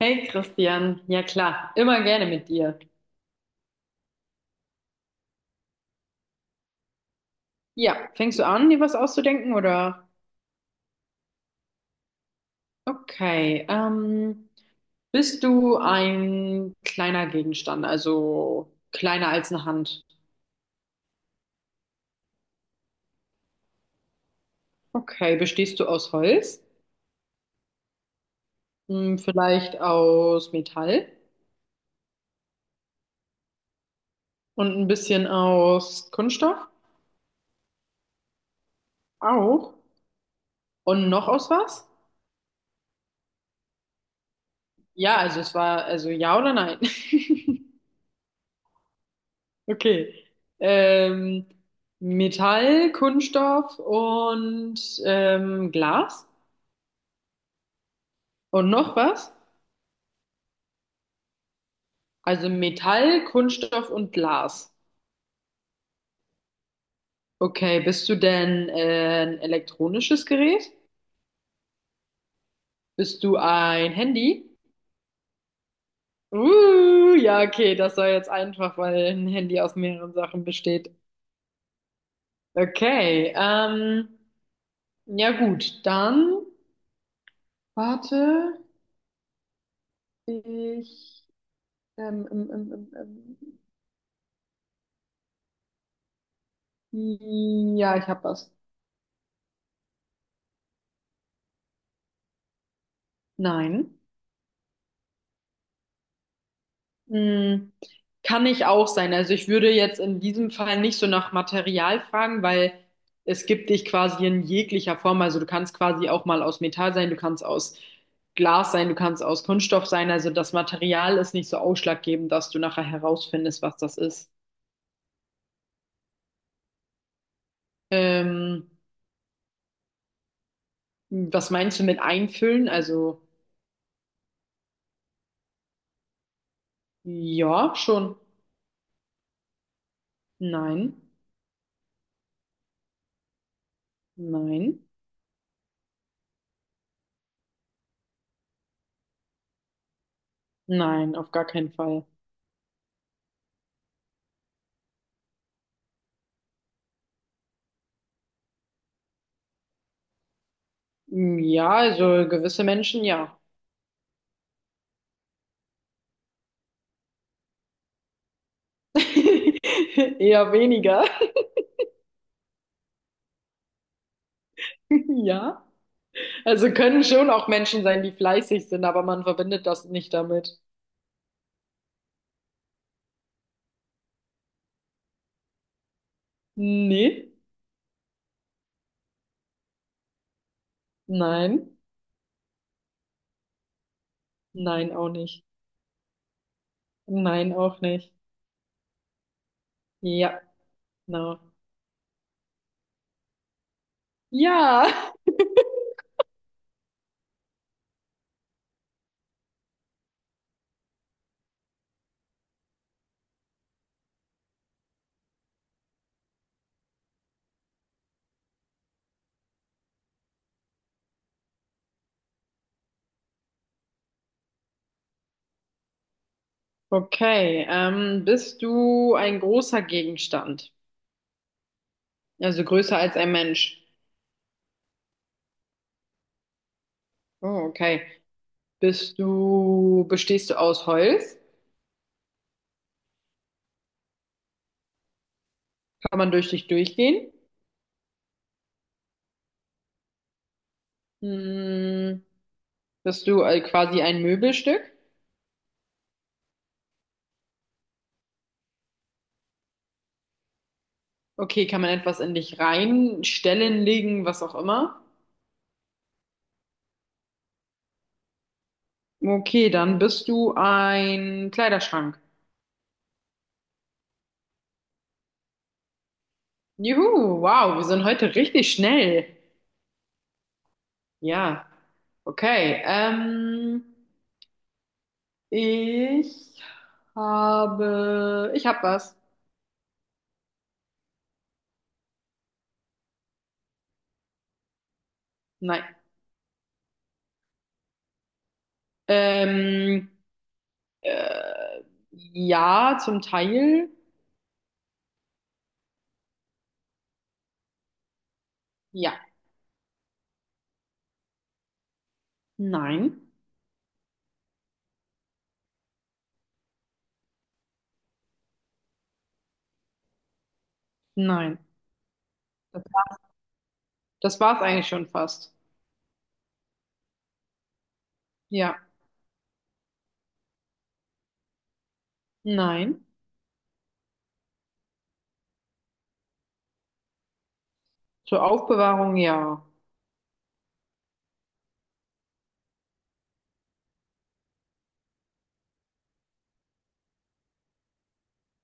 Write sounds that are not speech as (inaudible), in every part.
Hey Christian, ja klar, immer gerne mit dir. Ja, fängst du an, dir was auszudenken oder? Okay, bist du ein kleiner Gegenstand, also kleiner als eine Hand? Okay, bestehst du aus Holz? Hm, vielleicht aus Metall und ein bisschen aus Kunststoff? Auch. Und noch aus was? Ja, also es war, also ja oder nein? (laughs) Okay. Ähm, Metall, Kunststoff und Glas. Und noch was? Also Metall, Kunststoff und Glas. Okay, bist du denn ein elektronisches Gerät? Bist du ein Handy? Ja, okay, das war jetzt einfach, weil ein Handy aus mehreren Sachen besteht. Okay, ja gut, dann warte, ich, ähm, ähm, ähm, ähm, ähm, ja, ich habe was. Nein. Hm, kann ich auch sein. Also ich würde jetzt in diesem Fall nicht so nach Material fragen, weil es gibt dich quasi in jeglicher Form. Also du kannst quasi auch mal aus Metall sein, du kannst aus Glas sein, du kannst aus Kunststoff sein. Also das Material ist nicht so ausschlaggebend, dass du nachher herausfindest, was das ist. Ähm, was meinst du mit einfüllen? Also ja, schon. Nein, nein, nein, auf gar keinen Fall. Hm, ja, also gewisse Menschen ja. (laughs) Eher weniger. (laughs) Ja. Also können schon auch Menschen sein, die fleißig sind, aber man verbindet das nicht damit. Nee. Nein. Nein, auch nicht. Nein, auch nicht. Ja, genau. Ja. (laughs) Okay. Bist du ein großer Gegenstand? Also größer als ein Mensch. Oh, okay. Bestehst du aus Holz? Kann man durch dich durchgehen? Hm. Bist du quasi ein Möbelstück? Okay, kann man etwas in dich reinstellen, legen, was auch immer? Okay, dann bist du ein Kleiderschrank. Juhu, wow, wir sind heute richtig schnell. Ja, okay. Ich ich habe was. Nein. Ähm, äh, ja, zum Teil. Ja. Nein. Nein. Das war's eigentlich schon fast. Ja. Nein. Zur Aufbewahrung, ja.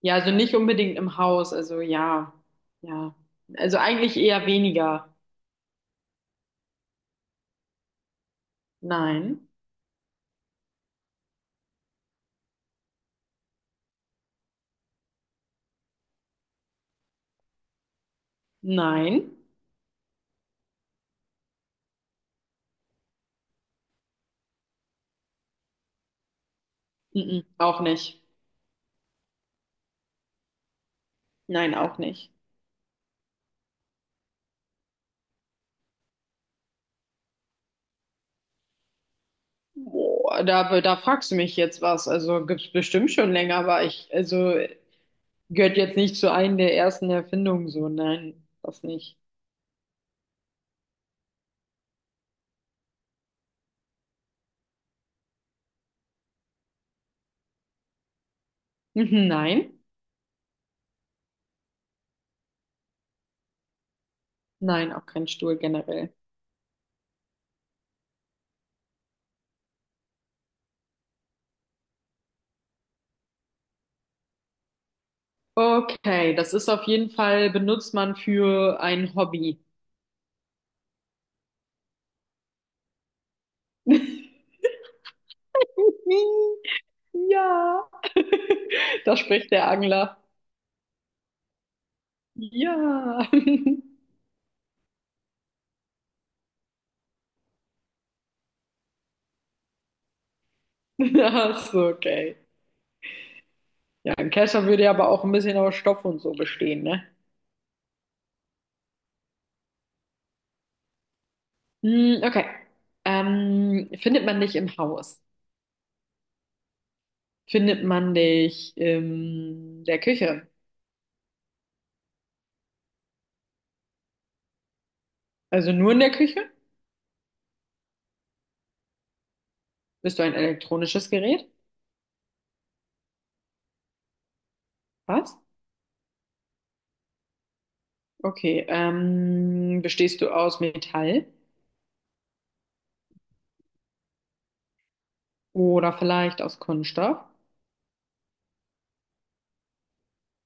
Ja, also nicht unbedingt im Haus, also ja. Ja. Also eigentlich eher weniger. Nein. Nein. Mhm. Auch nicht. Nein, auch nicht. Boah, da fragst du mich jetzt was. Also gibt's bestimmt schon länger, aber ich, also gehört jetzt nicht zu einem der ersten Erfindungen so. Nein, das nicht. Mhm, nein. Nein, auch kein Stuhl generell. Okay, das ist auf jeden Fall, benutzt man für ein Hobby. (laughs) Ja. (laughs) Da spricht der Angler. Ja. (laughs) Ach so, okay. Ja, ein Kescher würde ja aber auch ein bisschen aus Stoff und so bestehen, ne? Hm, okay. Findet man dich im Haus? Findet man dich in der Küche? Also nur in der Küche? Bist du ein elektronisches Gerät? Was? Okay. Bestehst du aus Metall? Oder vielleicht aus Kunststoff?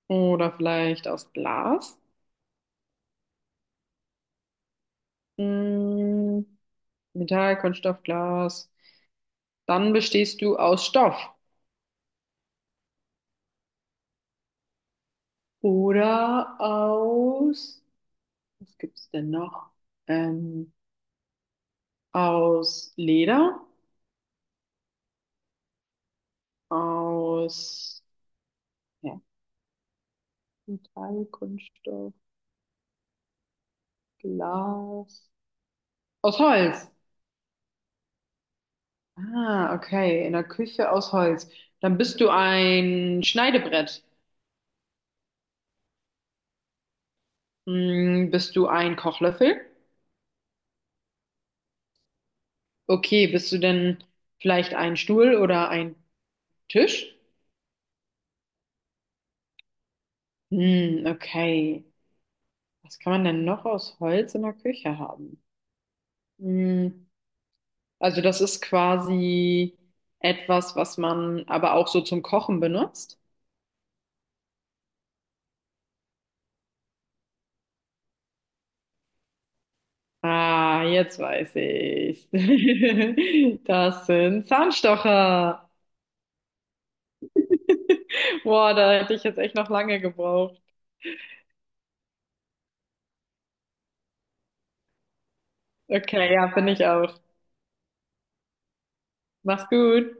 Oder vielleicht aus Glas? Hm, Metall, Kunststoff, Glas. Dann bestehst du aus Stoff oder aus, was gibt's denn noch? Ähm, aus Leder, aus ja, Metall, Kunststoff, Glas, aus Holz. Ah, okay, in der Küche aus Holz. Dann bist du ein Schneidebrett. Hm, bist du ein Kochlöffel? Okay, bist du denn vielleicht ein Stuhl oder ein Tisch? Hm, okay. Was kann man denn noch aus Holz in der Küche haben? Hm, also das ist quasi etwas, was man aber auch so zum Kochen benutzt. Ah, jetzt weiß ich's. (laughs) Das sind Zahnstocher. Boah, da hätte ich jetzt echt noch lange gebraucht. Okay, ja, bin ich auch. Mach's gut.